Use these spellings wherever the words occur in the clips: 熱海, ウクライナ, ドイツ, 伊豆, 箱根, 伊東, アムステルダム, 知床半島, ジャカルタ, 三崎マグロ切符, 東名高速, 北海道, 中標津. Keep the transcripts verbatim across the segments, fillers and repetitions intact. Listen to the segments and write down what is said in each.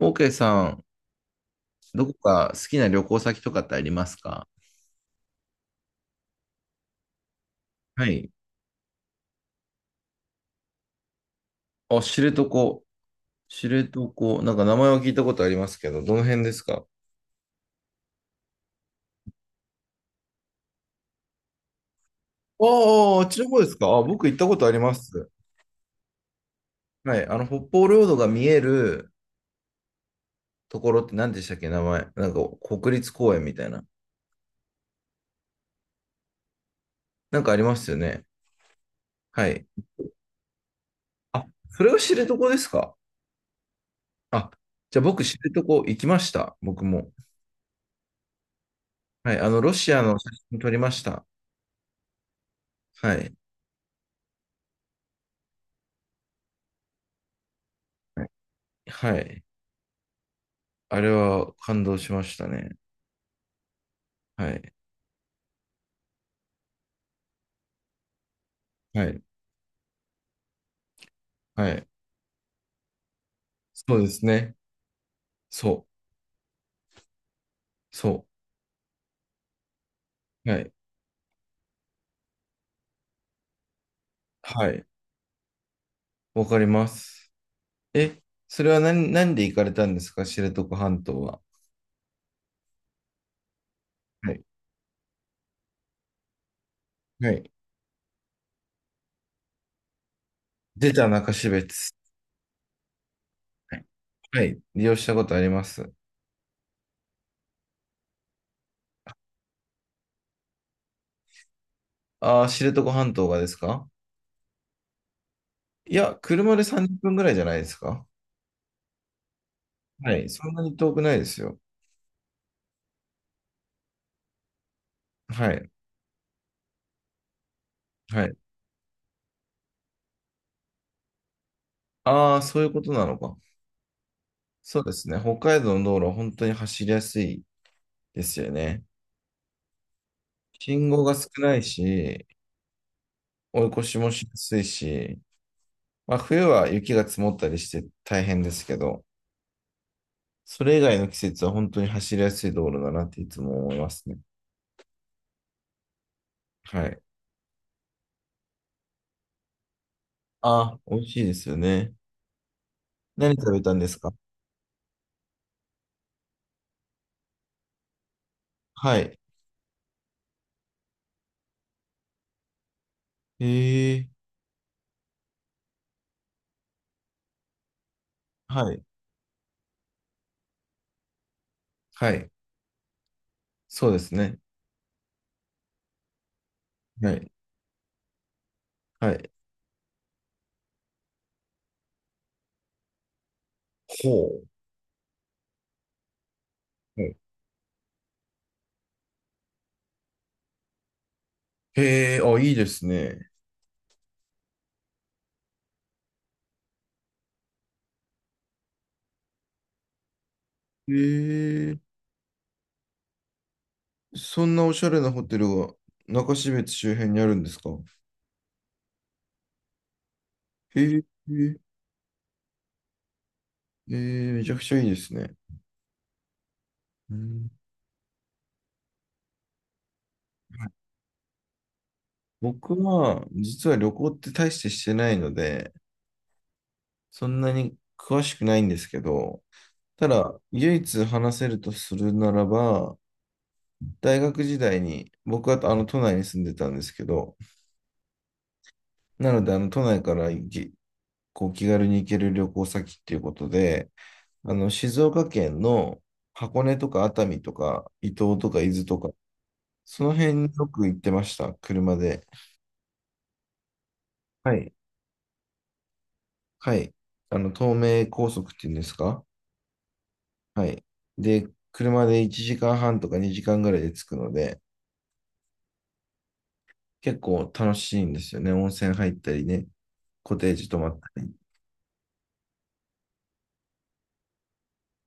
オーケーさん、どこか好きな旅行先とかってありますか？はい。あ、知床。知床。なんか名前は聞いたことありますけど、どの辺ですか？ああ、あっちの方ですか？あ、僕行ったことあります。はい。あの、北方領土が見えるところって何でしたっけ名前。なんか国立公園みたいな。なんかありますよね。はい。あ、それが知床ですか？あ、じゃあ僕知床行きました。僕も。はい。あの、ロシアの写真撮りました。はい。はい。はい。あれは感動しましたね。はい。はい。はい。そうですね。そう。そう。はい。はい。わかります。え、それは何、何で行かれたんですか？知床半島は。はい。はい。出た中標津。はい。はい。利用したことあります。ああ、知床半島がですか？いや、車でさんじゅっぷんぐらいじゃないですか？はい。そんなに遠くないですよ。はい。はい。ああ、そういうことなのか。そうですね。北海道の道路は本当に走りやすいですよね。信号が少ないし、追い越しもしやすいし、まあ、冬は雪が積もったりして大変ですけど、それ以外の季節は本当に走りやすい道路だなっていつも思いますね。はい。あ、美味しいですよね。何食べたんですか？はい。へえ。はい。はい。そうですね。はい。はい。ほう。はい。へえ、あ、いいですね。へえ。そんなおしゃれなホテルが中標津周辺にあるんですか？へえ。えー、めちゃくちゃいいですね。うん。僕は、実は旅行って大してしてないので、そんなに詳しくないんですけど、ただ、唯一話せるとするならば、大学時代に、僕はあの都内に住んでたんですけど、なので、あの都内から行き、こう気軽に行ける旅行先っていうことで、あの静岡県の箱根とか熱海とか伊東とか伊豆とか、その辺によく行ってました、車で。はい。はい。あの、東名高速っていうんですか？はい。で、車でいちじかんはんとかにじかんぐらいで着くので、結構楽しいんですよね。温泉入ったりね、コテージ泊まったり。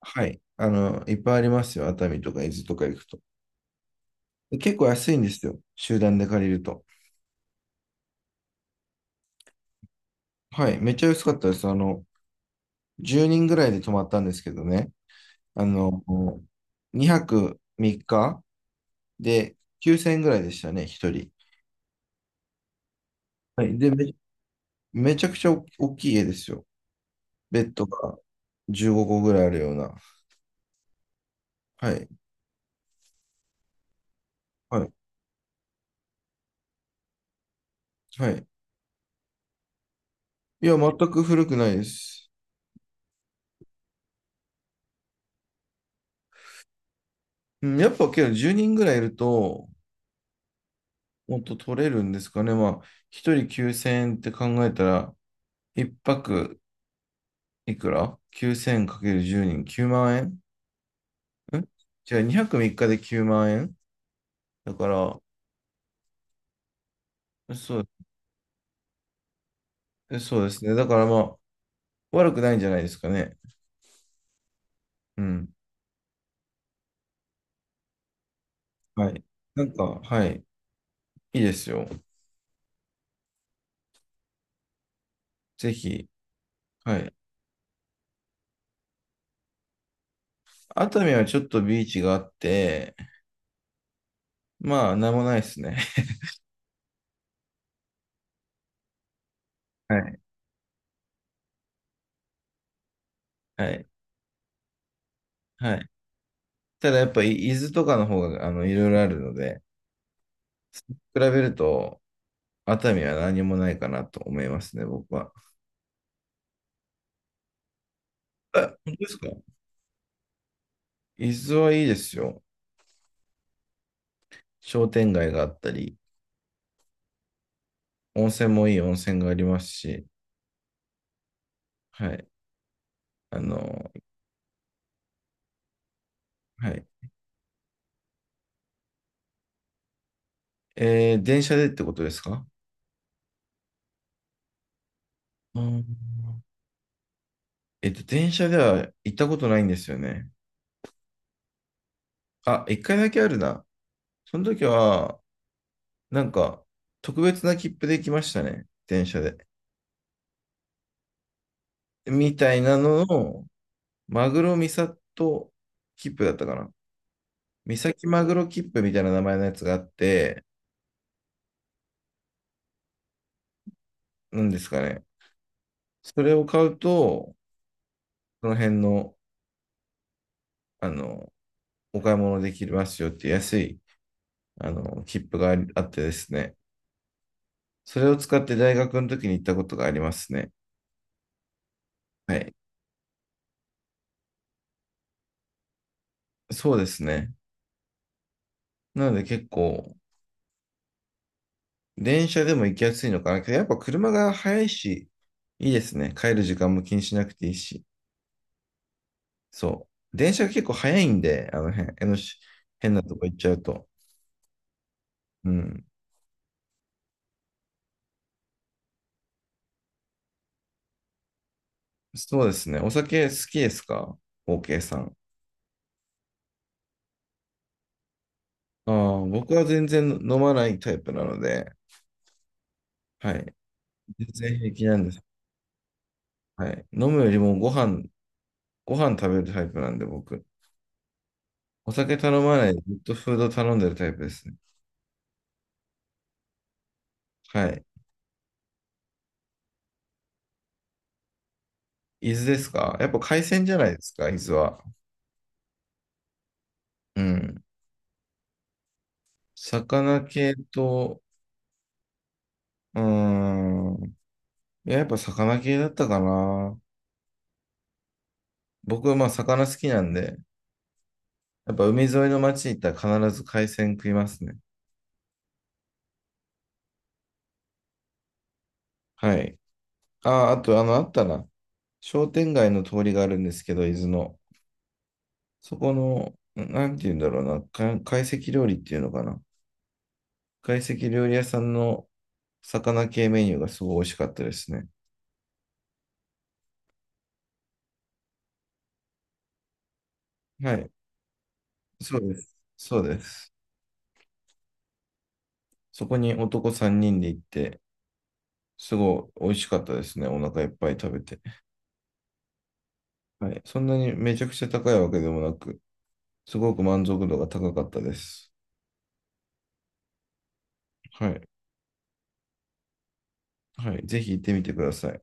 はい。あの、いっぱいありますよ。熱海とか伊豆とか行くと。で結構安いんですよ。集団で借りると。はい。めっちゃ安かったです。あの、じゅうにんぐらいで泊まったんですけどね。あの、にはくみっかできゅうせんえんぐらいでしたね、ひとり。はい。で、め、めちゃくちゃ大きい家ですよ。ベッドがじゅうごこぐらいあるような。はい。はい。はい。いや、全く古くないです。うん、やっぱけどじゅうにんぐらいいると、もっと取れるんですかね。まあ、ひとりきゅうせんえんって考えたら、いっぱくいくら ?きゅうせん×じゅう 人、きゅうまん円。んじゃあにはくみっかできゅうまん円だから、そう、えそうですね。だからまあ、悪くないんじゃないですかね。うん。はい。なんか、はい。いいですよ。ぜひ、はい。熱海はちょっとビーチがあって、まあ、なんもないですね。はい。はい。はい。ただやっぱり伊豆とかの方が、あの、いろいろあるので、比べると、熱海は何もないかなと思いますね、僕は。あ、本当ですか？伊豆はいいですよ。商店街があったり、温泉もいい温泉がありますし、はい。あの、はい。えー、電車でってことですか？うん。えっと、電車では行ったことないんですよね。あ、一回だけあるな。その時は、なんか、特別な切符で来ましたね。電車で。みたいなのを、マグロミサト切符だったかな。三崎マグロ切符みたいな名前のやつがあって、なんですかね。それを買うと、その辺の、あの、お買い物できますよっていう安い、あの、切符がありあってですね。それを使って大学の時に行ったことがありますね。はい。そうですね。なので結構、電車でも行きやすいのかな。やっぱ車が早いし、いいですね。帰る時間も気にしなくていいし。そう。電車が結構早いんで、あの辺、江のし変なとこ行っちゃうと。うん。そうですね。お酒好きですか ?OK さん。ああ、僕は全然飲まないタイプなので、はい。全然平気なんです。はい。飲むよりもご飯、ご飯食べるタイプなんで、僕。お酒頼まないで、ずっとフード頼んでるタイプですね。はい。伊豆ですか？やっぱ海鮮じゃないですか、伊豆は。うん。魚系と、うーん。いや、やっぱ魚系だったかな。僕はまあ魚好きなんで、やっぱ海沿いの町に行ったら必ず海鮮食いますね。はい。あ、あと、あの、あったな。商店街の通りがあるんですけど、伊豆の。そこの、なんて言うんだろうな。か懐石料理っていうのかな。懐石料理屋さんの魚系メニューがすごい美味しかったですね。はい。そうです。そうです。そこに男さんにんで行って、すごい美味しかったですね。お腹いっぱい食べて。はい。そんなにめちゃくちゃ高いわけでもなく、すごく満足度が高かったです。はい。はい。ぜひ行ってみてください。